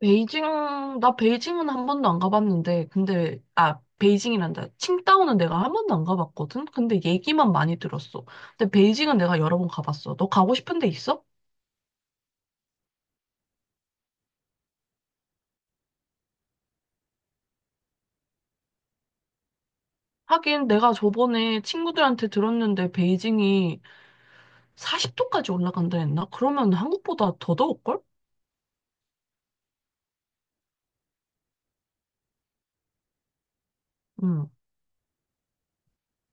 베이징, 나 베이징은 한 번도 안 가봤는데, 근데, 아, 베이징이란다. 칭다오는 내가 한 번도 안 가봤거든? 근데 얘기만 많이 들었어. 근데 베이징은 내가 여러 번 가봤어. 너 가고 싶은 데 있어? 하긴 내가 저번에 친구들한테 들었는데 베이징이 40도까지 올라간다 했나? 그러면 한국보다 더 더울걸? 응.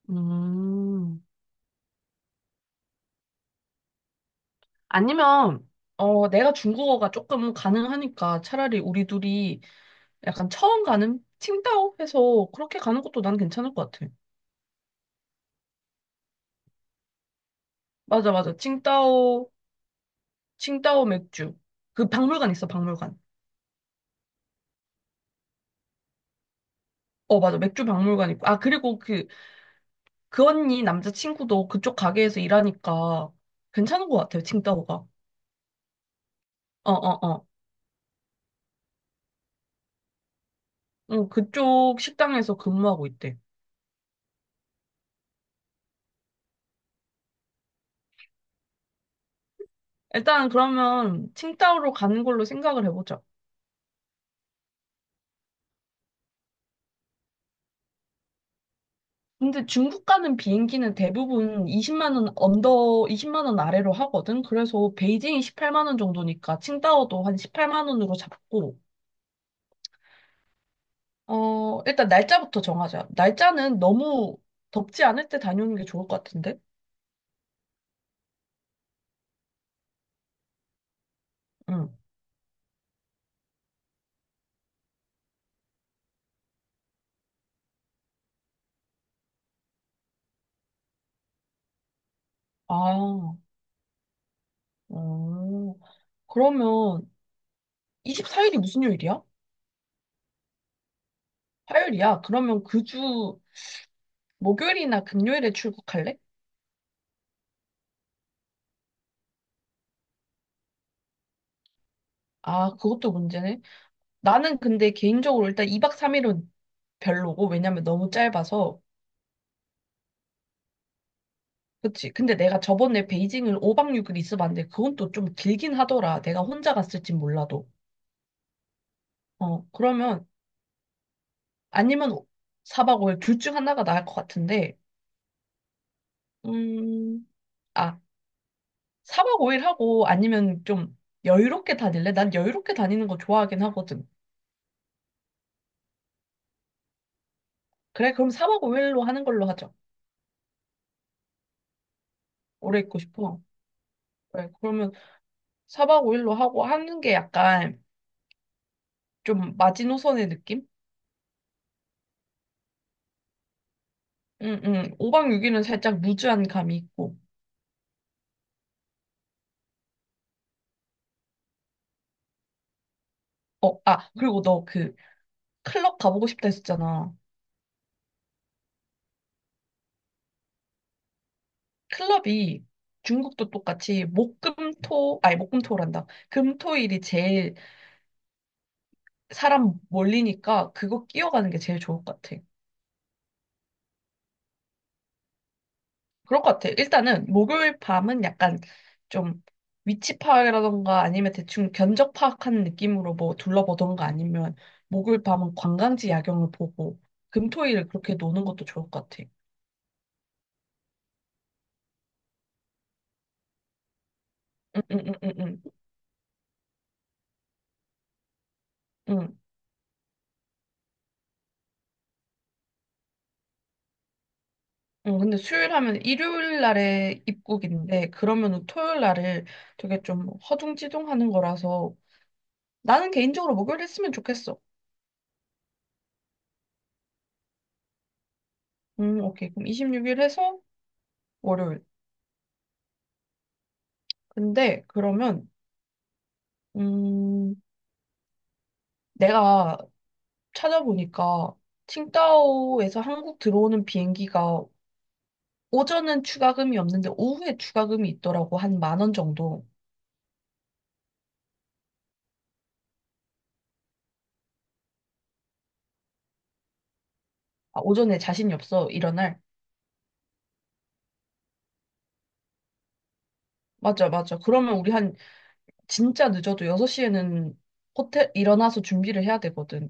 음. 아니면, 내가 중국어가 조금 가능하니까 차라리 우리 둘이 약간 처음 가는 칭다오 해서 그렇게 가는 것도 난 괜찮을 것 같아. 맞아, 맞아. 칭따오, 칭따오 맥주. 그 박물관 있어, 박물관. 어, 맞아. 맥주 박물관 있고. 아, 그리고 그 언니 남자친구도 그쪽 가게에서 일하니까 괜찮은 것 같아요, 칭따오가. 어, 어, 어. 응, 그쪽 식당에서 근무하고 있대. 일단 그러면 칭따오로 가는 걸로 생각을 해보자. 근데 중국 가는 비행기는 대부분 20만 원 언더, 20만 원 아래로 하거든. 그래서 베이징이 18만 원 정도니까 칭따오도 한 18만 원으로 잡고 일단 날짜부터 정하자. 날짜는 너무 덥지 않을 때 다녀오는 게 좋을 것 같은데? 응. 아, 어. 그러면 24일이 무슨 요일이야? 화요일이야. 그러면 그 주 목요일이나 금요일에 출국할래? 아, 그것도 문제네. 나는 근데 개인적으로 일단 2박 3일은 별로고, 왜냐면 너무 짧아서. 그치. 근데 내가 저번에 베이징을 5박 6일 있어봤는데, 그건 또 좀 길긴 하더라. 내가 혼자 갔을진 몰라도. 어, 그러면 아니면 4박 5일 둘 중 하나가 나을 것 같은데, 음, 아, 4박 5일 하고 아니면 좀 여유롭게 다닐래? 난 여유롭게 다니는 거 좋아하긴 하거든. 그래, 그럼 4박 5일로 하는 걸로 하자. 오래 있고 싶어. 그래, 그러면 4박 5일로 하고 하는 게 약간 좀 마지노선의 느낌? 응, 응. 5박 6일은 살짝 무주한 감이 있고. 어, 아, 그리고 너 그 클럽 가보고 싶다 했었잖아. 클럽이 중국도 똑같이 목금토 아니 목금토란다. 금토일이 제일 사람 몰리니까 그거 끼어가는 게 제일 좋을 것 같아. 그럴 것 같아. 일단은 목요일 밤은 약간 좀 위치 파악이라던가 아니면 대충 견적 파악하는 느낌으로 뭐 둘러보던가 아니면 목요일 밤은 관광지 야경을 보고 금토일을 그렇게 노는 것도 좋을 것 같아. 응응응응응. 어, 근데 수요일 하면 일요일 날에 입국인데, 그러면은 토요일 날을 되게 좀 허둥지둥 하는 거라서, 나는 개인적으로 목요일 했으면 좋겠어. 오케이. 그럼 26일 해서 월요일. 근데 그러면, 음, 내가 찾아보니까, 칭다오에서 한국 들어오는 비행기가 오전은 추가금이 없는데 오후에 추가금이 있더라고. 한 만 원 정도. 아, 오전에 자신이 없어. 일어날. 맞아, 맞아. 그러면 우리 한 진짜 늦어도 6시에는 호텔 일어나서 준비를 해야 되거든.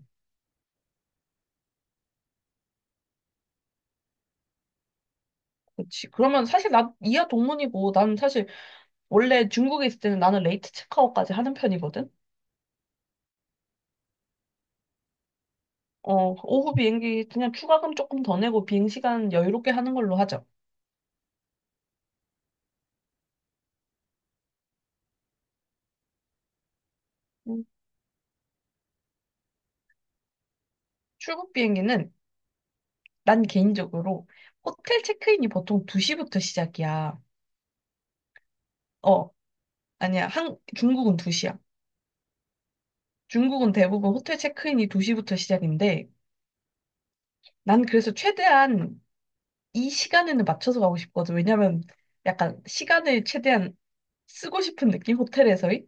그치. 그러면 사실 나 이하 동문이고 난 사실 원래 중국에 있을 때는 나는 레이트 체크아웃까지 하는 편이거든. 어, 오후 비행기 그냥 추가금 조금 더 내고 비행 시간 여유롭게 하는 걸로 하죠. 음, 출국 비행기는 난 개인적으로 호텔 체크인이 보통 2시부터 시작이야. 어, 아니야. 중국은 2시야. 중국은 대부분 호텔 체크인이 2시부터 시작인데 난 그래서 최대한 이 시간에는 맞춰서 가고 싶거든. 왜냐면 약간 시간을 최대한 쓰고 싶은 느낌? 호텔에서의?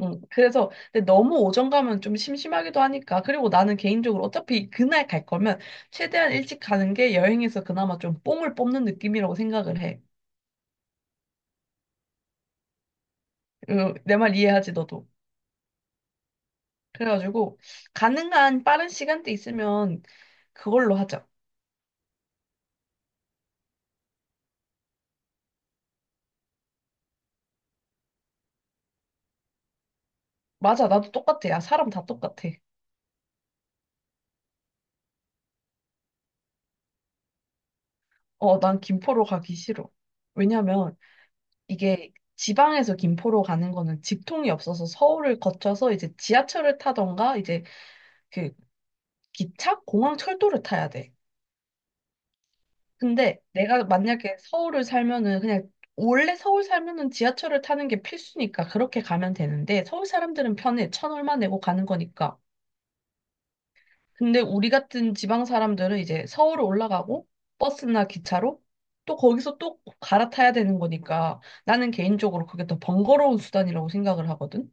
응. 그래서 근데 너무 오전 가면 좀 심심하기도 하니까. 그리고 나는 개인적으로 어차피 그날 갈 거면 최대한 일찍 가는 게 여행에서 그나마 좀 뽕을 뽑는 느낌이라고 생각을 해. 그 내말 이해하지, 너도. 그래가지고 가능한 빠른 시간대 있으면 그걸로 하자. 맞아, 나도 똑같아. 야, 사람 다 똑같아. 어, 난 김포로 가기 싫어. 왜냐면 이게 지방에서 김포로 가는 거는 직통이 없어서 서울을 거쳐서 이제 지하철을 타던가 이제 그 기차, 공항, 철도를 타야 돼. 근데 내가 만약에 서울을 살면은 그냥 원래 서울 살면은 지하철을 타는 게 필수니까 그렇게 가면 되는데 서울 사람들은 편해. 천 얼마 내고 가는 거니까. 근데 우리 같은 지방 사람들은 이제 서울 올라가고 버스나 기차로 또 거기서 또 갈아타야 되는 거니까 나는 개인적으로 그게 더 번거로운 수단이라고 생각을 하거든.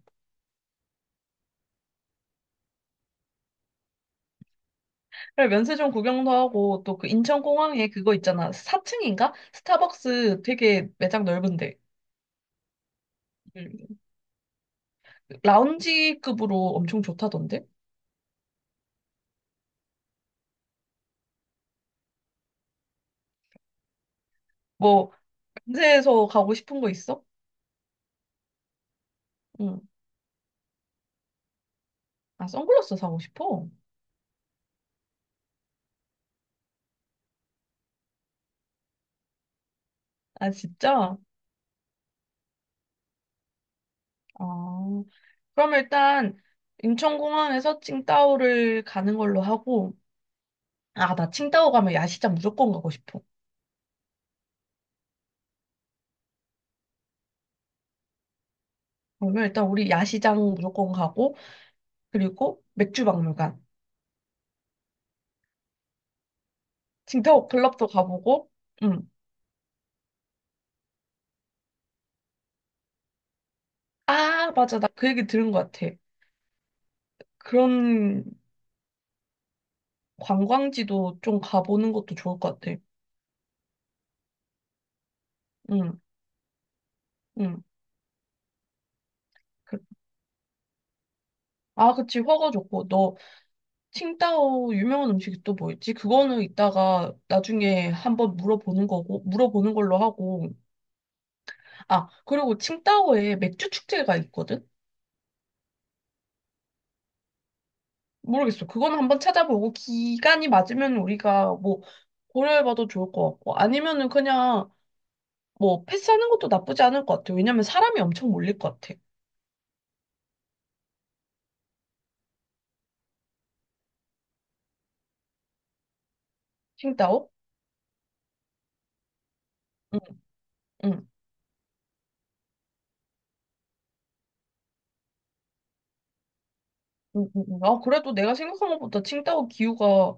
그래, 면세점 구경도 하고, 또 그 인천공항에 그거 있잖아. 4층인가? 스타벅스 되게 매장 넓은데. 음, 라운지급으로 엄청 좋다던데? 뭐, 면세에서 가고 싶은 거 있어? 응. 아, 선글라스 사고 싶어? 아, 진짜? 아, 그럼 일단, 인천공항에서 칭다오를 가는 걸로 하고, 아, 나 칭다오 가면 야시장 무조건 가고 싶어. 그러면 일단 우리 야시장 무조건 가고, 그리고 맥주박물관, 칭다오 클럽도 가보고, 응. 아, 맞아. 나 그 얘기 들은 것 같아. 그런 관광지도 좀 가보는 것도 좋을 것 같아. 응, 응. 그- 아, 그치. 허거 좋고. 너, 칭다오 유명한 음식이 또 뭐 있지? 그거는 이따가 나중에 한번 물어보는 거고, 물어보는 걸로 하고. 아, 그리고 칭다오에 맥주 축제가 있거든? 모르겠어. 그거는 한번 찾아보고, 기간이 맞으면 우리가 뭐, 고려해봐도 좋을 것 같고, 아니면은 그냥 뭐, 패스하는 것도 나쁘지 않을 것 같아. 왜냐면 사람이 엄청 몰릴 것 같아. 칭따오? 응, 응, 응, 응. 응. 아, 그래도 내가 생각한 것보다 칭따오 기후가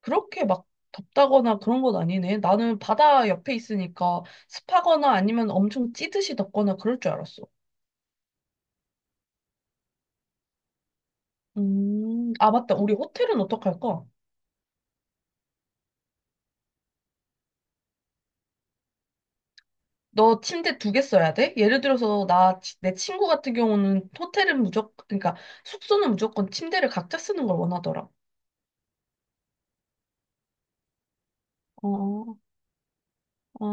그렇게 막 덥다거나 그런 건 아니네. 나는 바다 옆에 있으니까 습하거나 아니면 엄청 찌듯이 덥거나 그럴 줄 알았어. 맞다. 우리 호텔은 어떡할까? 너 침대 두 개 써야 돼? 예를 들어서 내 친구 같은 경우는 호텔은 무조건, 그러니까 숙소는 무조건 침대를 각자 쓰는 걸 원하더라. 어. 아,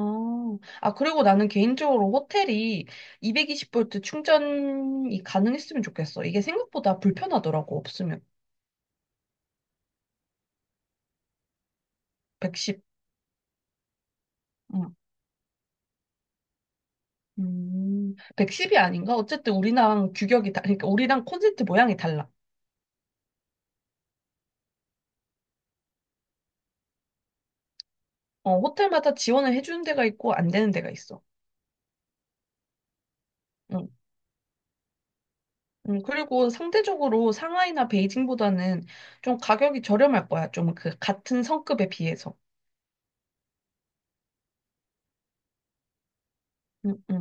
아, 그리고 나는 개인적으로 호텔이 220V 충전이 가능했으면 좋겠어. 이게 생각보다 불편하더라고, 없으면. 110. 음, 110이 아닌가? 어쨌든 우리랑 규격이 그러니까 우리랑 콘센트 모양이 달라. 어, 호텔마다 지원을 해주는 데가 있고 안 되는 데가 있어. 음, 그리고 상대적으로 상하이나 베이징보다는 좀 가격이 저렴할 거야. 좀 그 같은 성급에 비해서. 응, 응.